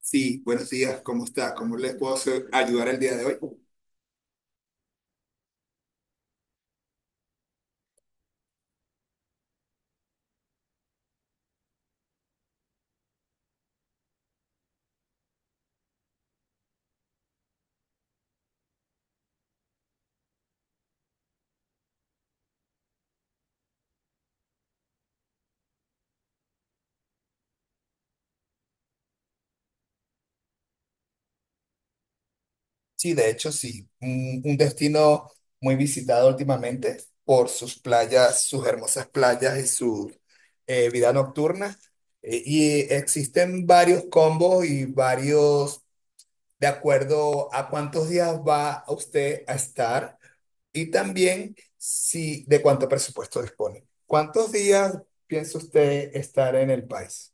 Sí, buenos días, ¿cómo está? ¿Cómo les puedo ayudar el día de hoy? Sí, de hecho, sí. Un destino muy visitado últimamente por sus playas, sus hermosas playas y su vida nocturna. Y existen varios combos y varios, de acuerdo a cuántos días va usted a estar y también si de cuánto presupuesto dispone. ¿Cuántos días piensa usted estar en el país?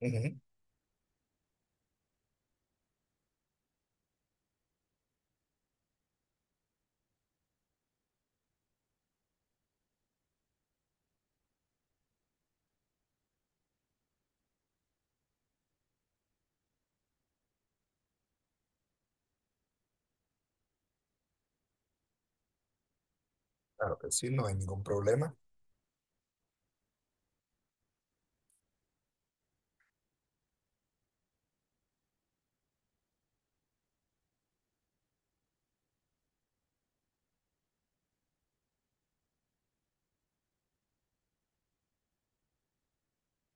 Ujú. Claro que sí, no hay ningún problema.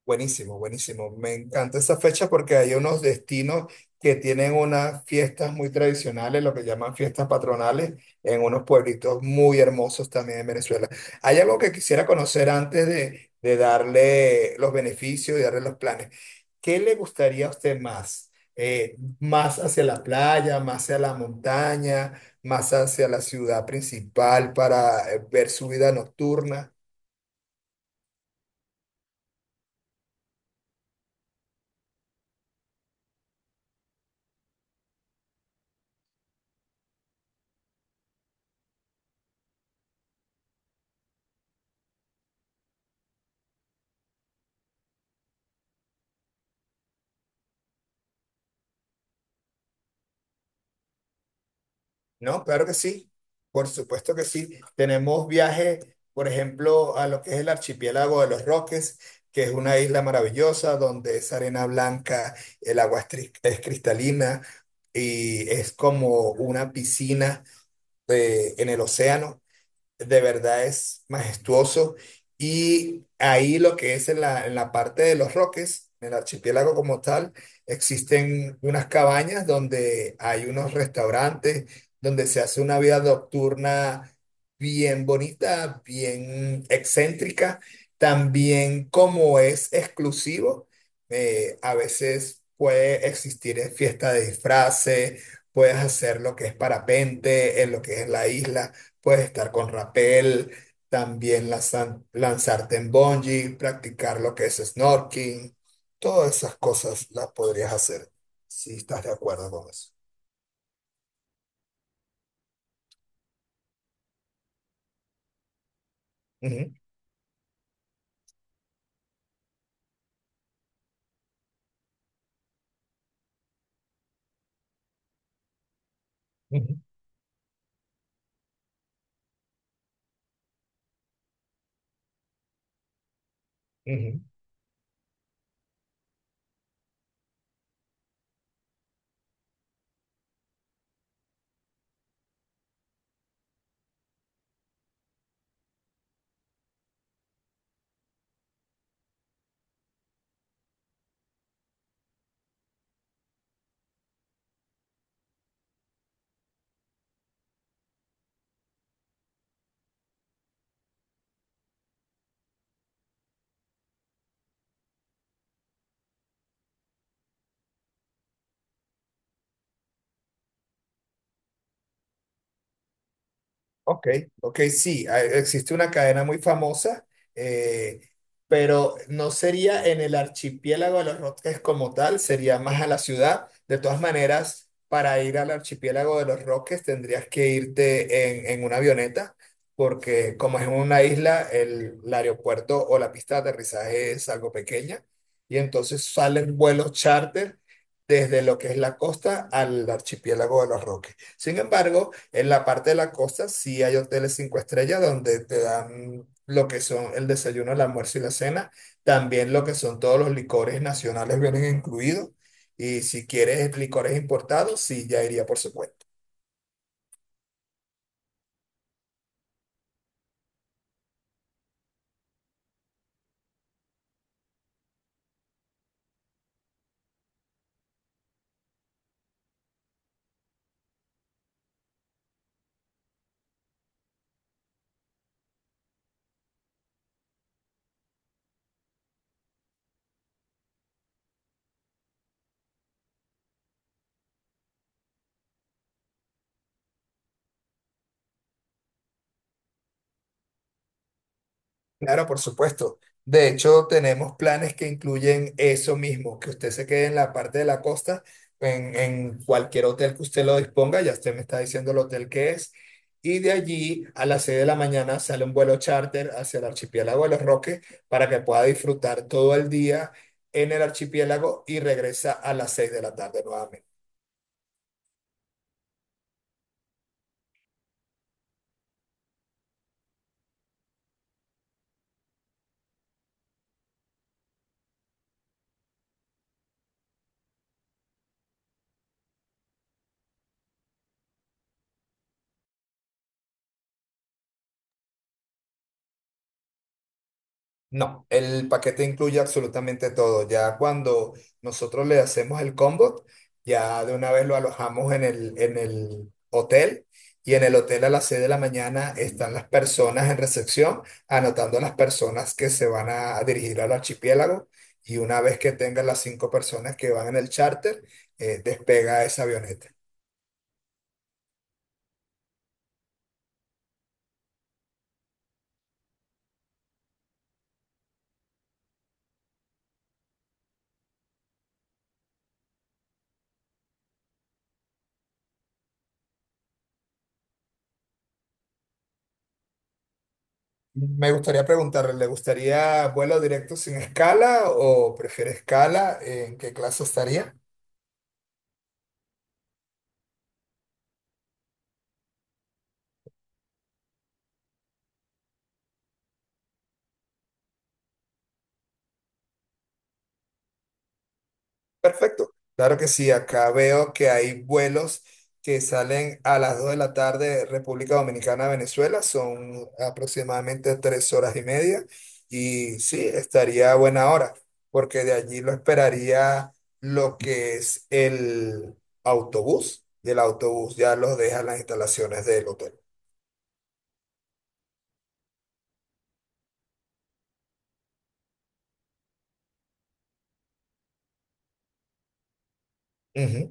Buenísimo, buenísimo. Me encanta esa fecha porque hay unos destinos que tienen unas fiestas muy tradicionales, lo que llaman fiestas patronales, en unos pueblitos muy hermosos también en Venezuela. Hay algo que quisiera conocer antes de darle los beneficios y darle los planes. ¿Qué le gustaría a usted más? ¿Más hacia la playa, más hacia la montaña, más hacia la ciudad principal para ver su vida nocturna? No, claro que sí, por supuesto que sí. Tenemos viajes, por ejemplo, a lo que es el archipiélago de Los Roques, que es una isla maravillosa donde es arena blanca, el agua es cristalina y es como una piscina en el océano. De verdad es majestuoso. Y ahí lo que es en la parte de Los Roques, en el archipiélago como tal, existen unas cabañas donde hay unos restaurantes, donde se hace una vida nocturna bien bonita, bien excéntrica. También como es exclusivo, a veces puede existir fiesta de disfraces, puedes hacer lo que es parapente en lo que es la isla. Puedes estar con rapel, también lanzarte en bungee, practicar lo que es snorkeling. Todas esas cosas las podrías hacer si estás de acuerdo con eso. Ujú, ujú, ujú. Ok, ok, sí, existe una cadena muy famosa, eh, pero no sería en el archipiélago de Los Roques como tal, sería más a la ciudad. De todas maneras, para ir al archipiélago de Los Roques tendrías que irte en una avioneta, porque como es una isla, el aeropuerto o la pista de aterrizaje es algo pequeña, y entonces salen vuelos charter desde lo que es la costa al archipiélago de Los Roques. Sin embargo, en la parte de la costa sí hay hoteles cinco estrellas donde te dan lo que son el desayuno, el almuerzo y la cena. También lo que son todos los licores nacionales vienen incluidos. Y si quieres licores importados, sí, ya iría por su cuenta. Claro, por supuesto. De hecho, tenemos planes que incluyen eso mismo, que usted se quede en la parte de la costa, en cualquier hotel que usted lo disponga, ya usted me está diciendo el hotel que es, y de allí a las 6 de la mañana sale un vuelo charter hacia el archipiélago de Los Roques para que pueda disfrutar todo el día en el archipiélago y regresa a las 6 de la tarde nuevamente. No, el paquete incluye absolutamente todo. Ya cuando nosotros le hacemos el combo, ya de una vez lo alojamos en el hotel y en el hotel a las 6 de la mañana están las personas en recepción anotando las personas que se van a dirigir al archipiélago y una vez que tengan las cinco personas que van en el charter, despega esa avioneta. Me gustaría preguntarle, ¿le gustaría vuelo directo sin escala o prefiere escala? ¿En qué clase estaría? Perfecto. Claro que sí, acá veo que hay vuelos que salen a las 2 de la tarde República Dominicana, Venezuela, son aproximadamente 3 horas y media y sí, estaría a buena hora, porque de allí lo esperaría lo que es el autobús y el autobús ya los deja en las instalaciones del hotel. Ujú,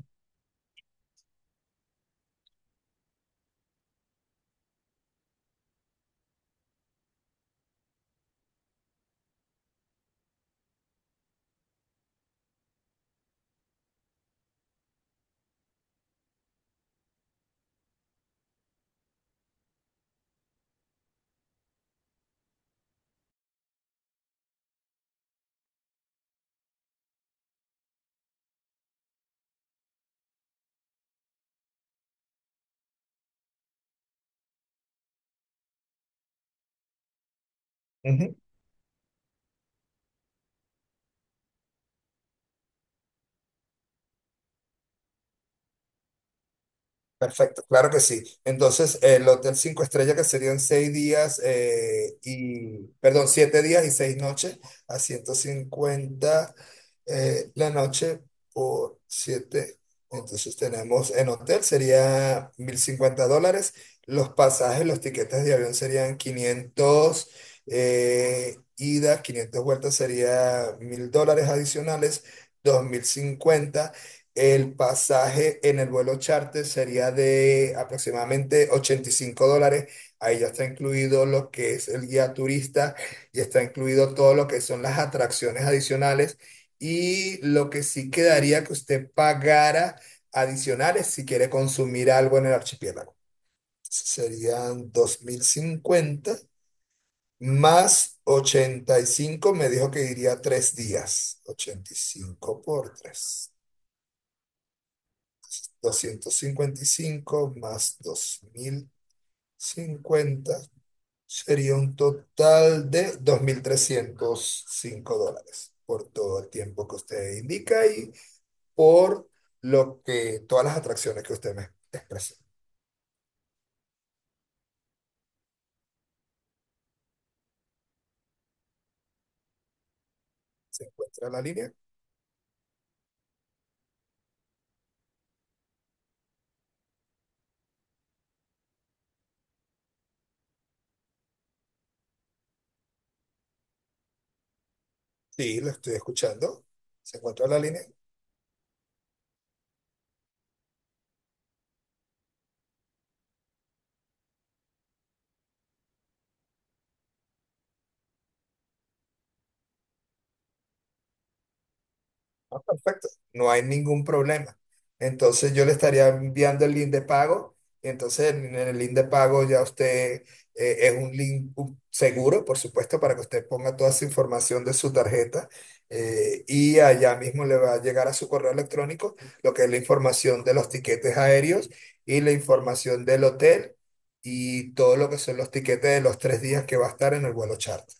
ujú. Perfecto, claro que sí. Entonces, el hotel cinco estrellas que serían 6 días y, perdón, 7 días y 6 noches a 150 la noche por siete. Entonces tenemos en hotel sería $1,050. Los pasajes, los tiquetes de avión serían 500 ida, 500 vueltas sería $1,000 adicionales, 2,050 el pasaje en el vuelo charter sería de aproximadamente $85. Ahí ya está incluido lo que es el guía turista y está incluido todo lo que son las atracciones adicionales. Y lo que sí quedaría que usted pagara adicionales si quiere consumir algo en el archipiélago. Serían 2,050 más 85. Me dijo que iría 3 días. 85 por 3. 255 más 2,050 sería un total de $2,305 por todo el tiempo que usted indica y por lo que todas las atracciones que usted me expresó. ¿Se encuentra en la línea? Sí, lo estoy escuchando. ¿Se encuentra en la línea? Ah, perfecto, no hay ningún problema. Entonces yo le estaría enviando el link de pago y entonces en el link de pago ya usted es un link seguro, por supuesto, para que usted ponga toda su información de su tarjeta y allá mismo le va a llegar a su correo electrónico lo que es la información de los tiquetes aéreos y la información del hotel y todo lo que son los tiquetes de los 3 días que va a estar en el vuelo charter.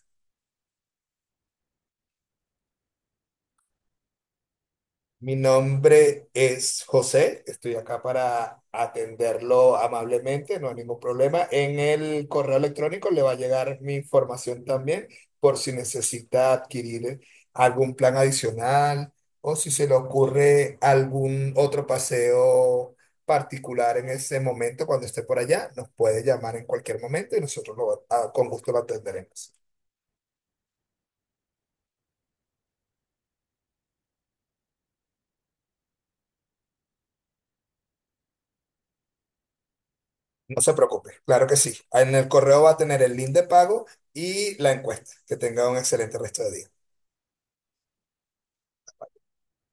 Mi nombre es José, estoy acá para atenderlo amablemente, no hay ningún problema. En el correo electrónico le va a llegar mi información también por si necesita adquirir algún plan adicional o si se le ocurre algún otro paseo particular en ese momento cuando esté por allá, nos puede llamar en cualquier momento y nosotros con gusto lo atenderemos. No se preocupe, claro que sí. En el correo va a tener el link de pago y la encuesta. Que tenga un excelente resto de día.